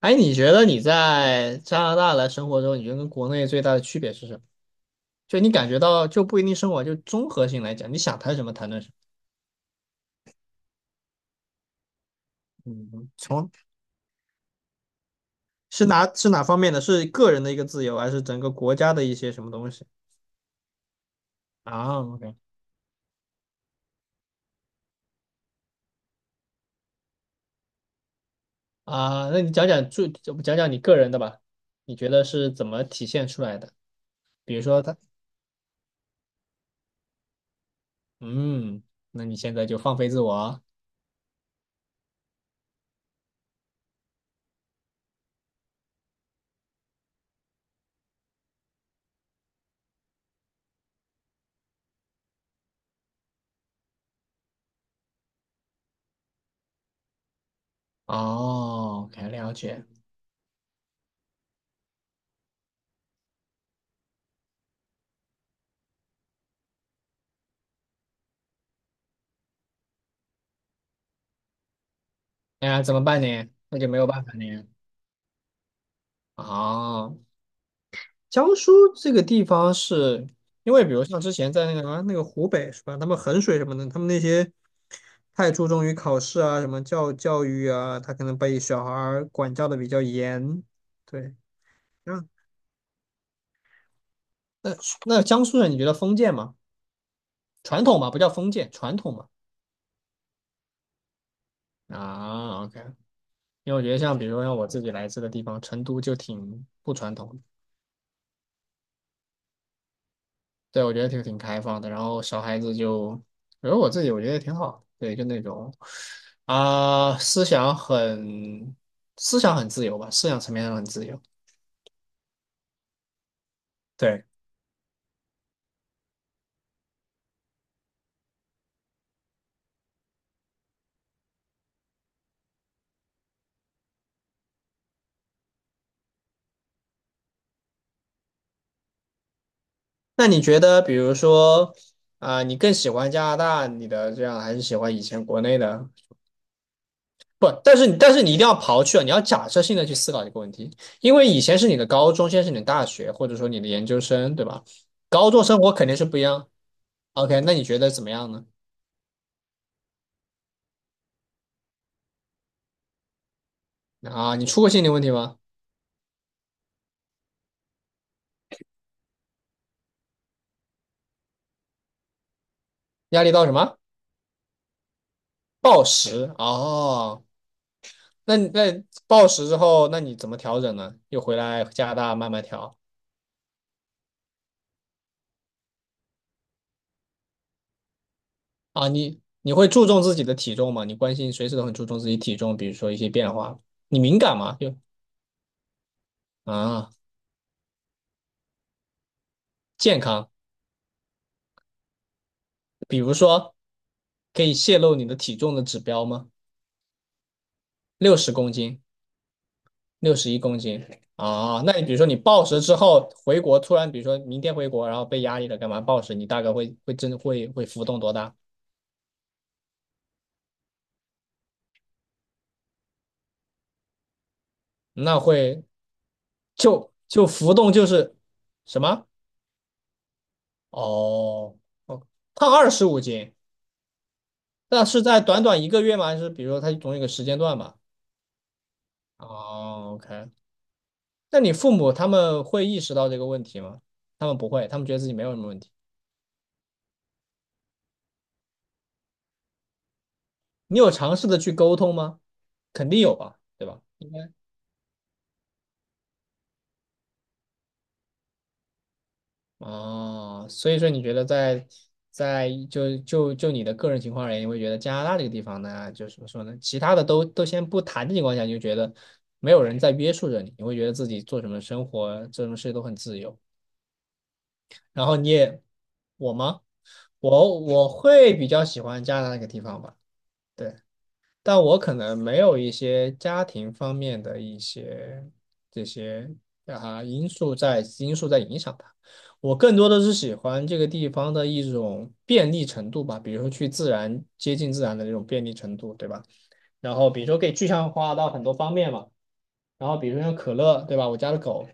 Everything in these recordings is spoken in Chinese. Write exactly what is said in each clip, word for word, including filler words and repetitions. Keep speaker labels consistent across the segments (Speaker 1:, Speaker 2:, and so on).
Speaker 1: 哎，你觉得你在加拿大来生活中，你觉得跟国内最大的区别是什么？就你感觉到就不一定生活，就综合性来讲，你想谈什么谈论什么。嗯，从是哪是哪方面的？是个人的一个自由，还是整个国家的一些什么东西啊？OK。 啊，那你讲讲最讲讲你个人的吧，你觉得是怎么体现出来的？比如说他，嗯，那你现在就放飞自我。哦，OK，了解。哎呀，怎么办呢？那就没有办法呢。哦，江苏这个地方是因为，比如像之前在那个什么那个湖北是吧？他们衡水什么的，他们那些太注重于考试啊，什么教教育啊，他可能被小孩儿管教的比较严。对，那那那江苏人，你觉得封建吗？传统嘛，不叫封建，传统嘛。啊，OK，因为我觉得像比如说像我自己来自的地方，成都就挺不传统的。对，我觉得挺挺开放的。然后小孩子就，比如我自己，我觉得挺好的，对，就那种啊、思想很思想很自由吧，思想层面上很自由。对，那你觉得，比如说啊、你更喜欢加拿大你的这样，还是喜欢以前国内的？不，但是你但是你一定要刨去啊，你要假设性的去思考一个问题，因为以前是你的高中，现在是你的大学，或者说你的研究生，对吧？高中生活肯定是不一样。OK，那你觉得怎么样呢？啊，你出过心理问题吗？压力到什么？暴食哦，那你那暴食之后，那你怎么调整呢？又回来加拿大慢慢调。啊？你你会注重自己的体重吗？你关心随时都很注重自己体重，比如说一些变化，你敏感吗？就啊，健康，比如说可以泄露你的体重的指标吗？六十公斤，六十一公斤。啊？那你比如说你暴食之后回国，突然比如说明天回国，然后被压力了，干嘛暴食？你大概会会真会会浮动多大？那会就就浮动就是什么？哦，哦，胖二十五斤，那是在短短一个月吗？还是比如说它总有一个时间段吧？哦，OK，那你父母他们会意识到这个问题吗？他们不会，他们觉得自己没有什么问题。你有尝试的去沟通吗？肯定有吧，对吧？应该。哦，所以说你觉得在在就就就你的个人情况而言，你会觉得加拿大这个地方呢，就是怎么说呢？其他的都都先不谈的情况下，你就觉得没有人在约束着你，你会觉得自己做什么生活、做什么事都很自由。然后你也，我吗？我我会比较喜欢加拿大那个地方吧。对。但我可能没有一些家庭方面的一些这些啊因素在因素在影响它。我更多的是喜欢这个地方的一种便利程度吧，比如说去自然接近自然的这种便利程度，对吧？然后比如说可以具象化到很多方面嘛，然后比如说像可乐，对吧？我家的狗，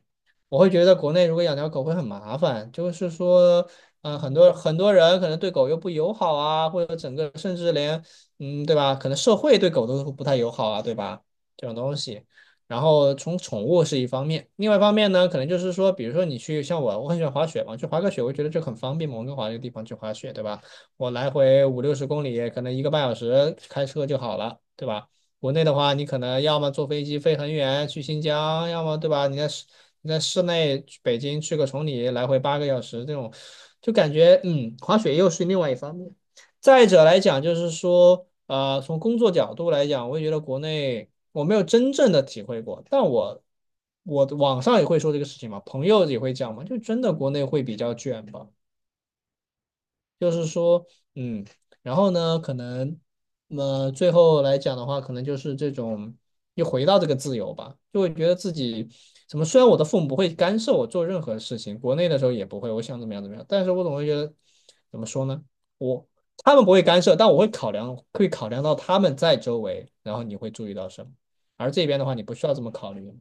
Speaker 1: 我会觉得国内如果养条狗会很麻烦，就是说，嗯、很多很多人可能对狗又不友好啊，或者整个甚至连，嗯，对吧？可能社会对狗都不太友好啊，对吧？这种东西。然后从宠物是一方面，另外一方面呢，可能就是说，比如说你去像我，我很喜欢滑雪嘛，去滑个雪，我觉得就很方便嘛，我温哥华这个地方去滑雪，对吧？我来回五六十公里，可能一个半小时开车就好了，对吧？国内的话，你可能要么坐飞机飞很远去新疆，要么对吧？你在市你在市内去北京去个崇礼，来回八个小时，这种就感觉嗯，滑雪又是另外一方面。再者来讲，就是说，呃，从工作角度来讲，我也觉得国内我没有真正的体会过，但我我网上也会说这个事情嘛，朋友也会讲嘛，就真的国内会比较卷吧。就是说，嗯，然后呢，可能，呃，最后来讲的话，可能就是这种又回到这个自由吧，就会觉得自己怎么，虽然我的父母不会干涉我做任何事情，国内的时候也不会，我想怎么样怎么样，但是我总会觉得，怎么说呢，我他们不会干涉，但我会考量，会考量到他们在周围，然后你会注意到什么，而这边的话，你不需要这么考虑，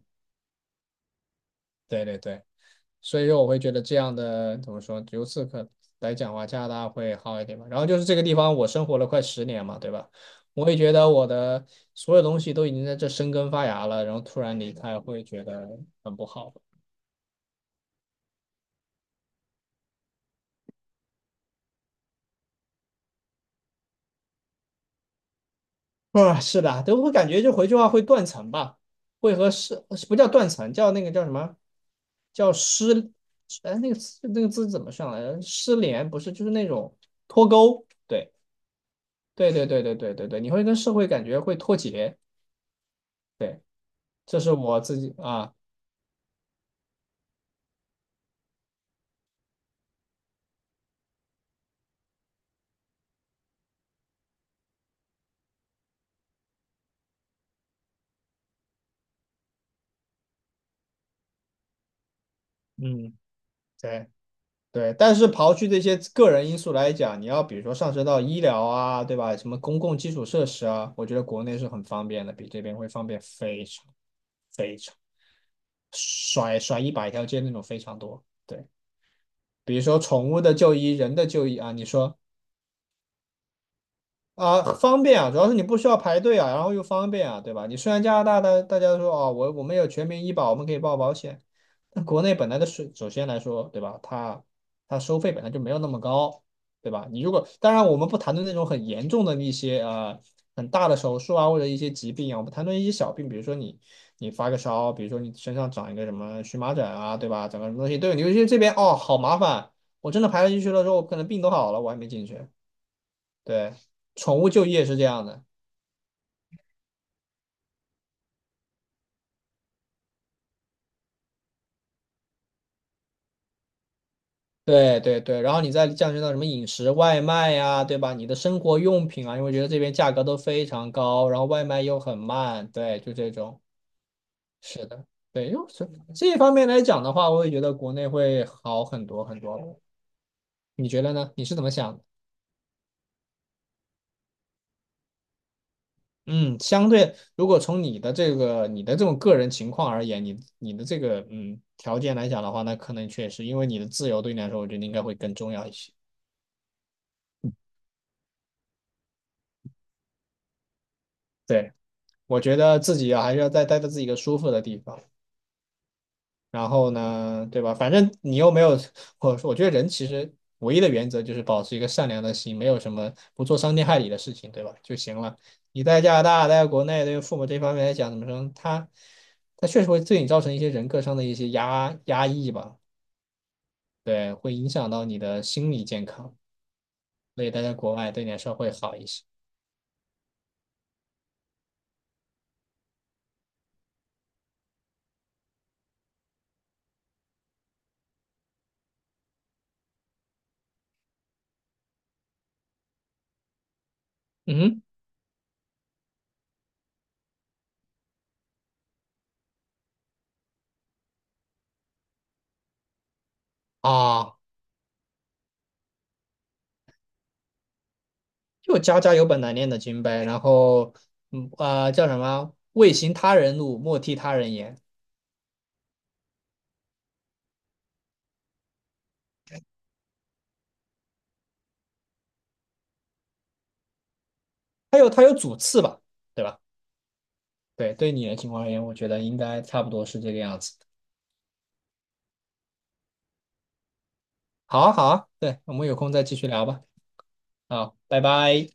Speaker 1: 对对对。所以说我会觉得这样的怎么说，由此可来讲的话，加拿大会好一点吧。然后就是这个地方，我生活了快十年嘛，对吧？我也觉得我的所有东西都已经在这生根发芽了，然后突然离开，会觉得很不好。啊，是的，都会感觉就回去的话会断层吧，会和失不叫断层，叫那个叫什么？叫失，哎，那个词那个字怎么上来着？失联不是，就是那种脱钩。对，对，对，对，对，对，对，对，你会跟社会感觉会脱节。对。这是我自己啊，嗯，对对。但是刨去这些个人因素来讲，你要比如说上升到医疗啊，对吧？什么公共基础设施啊，我觉得国内是很方便的，比这边会方便非常非常，甩甩一百条街那种非常多。对，比如说宠物的就医、人的就医啊，你说。啊，嗯方便啊，主要是你不需要排队啊，然后又方便啊，对吧？你虽然加拿大大大家都说哦，我我们有全民医保，我们可以报保险，但国内本来的税，首先来说，对吧？它它收费本来就没有那么高，对吧？你如果当然我们不谈论那种很严重的一些呃很大的手术啊或者一些疾病啊，我们谈论一些小病，比如说你你发个烧，比如说你身上长一个什么荨麻疹啊，对吧？长个什么东西，对，你就是这边哦，好麻烦，我真的排了进去了之后，我可能病都好了，我还没进去。对，宠物就业是这样的，对对对。然后你再降低到什么饮食外卖呀，对吧？你的生活用品啊，因为觉得这边价格都非常高，然后外卖又很慢，对，就这种。是的，对，又是这一方面来讲的话，我也觉得国内会好很多很多。你觉得呢？你是怎么想的。嗯，相对如果从你的这个你的这种个人情况而言，你你的这个嗯条件来讲的话，那可能确实因为你的自由对你来说，我觉得应该会更重要一些。对。我觉得自己啊还是要再待在自己一个舒服的地方。然后呢，对吧？反正你又没有，我我觉得人其实唯一的原则就是保持一个善良的心，没有什么不做伤天害理的事情，对吧？就行了。你在加拿大，待在国内，对于父母这方面来讲，怎么说？他他确实会对你造成一些人格上的一些压压抑吧，对，会影响到你的心理健康。所以待在国外对你来说会好一些。嗯哼。啊，就家家有本难念的经呗。然后，嗯啊、叫什么？未行他人路，莫替他人言。它有它有主次吧，对吧？对，对你的情况而言，我觉得应该差不多是这个样子。好啊，好啊，对，我们有空再继续聊吧。好，拜拜。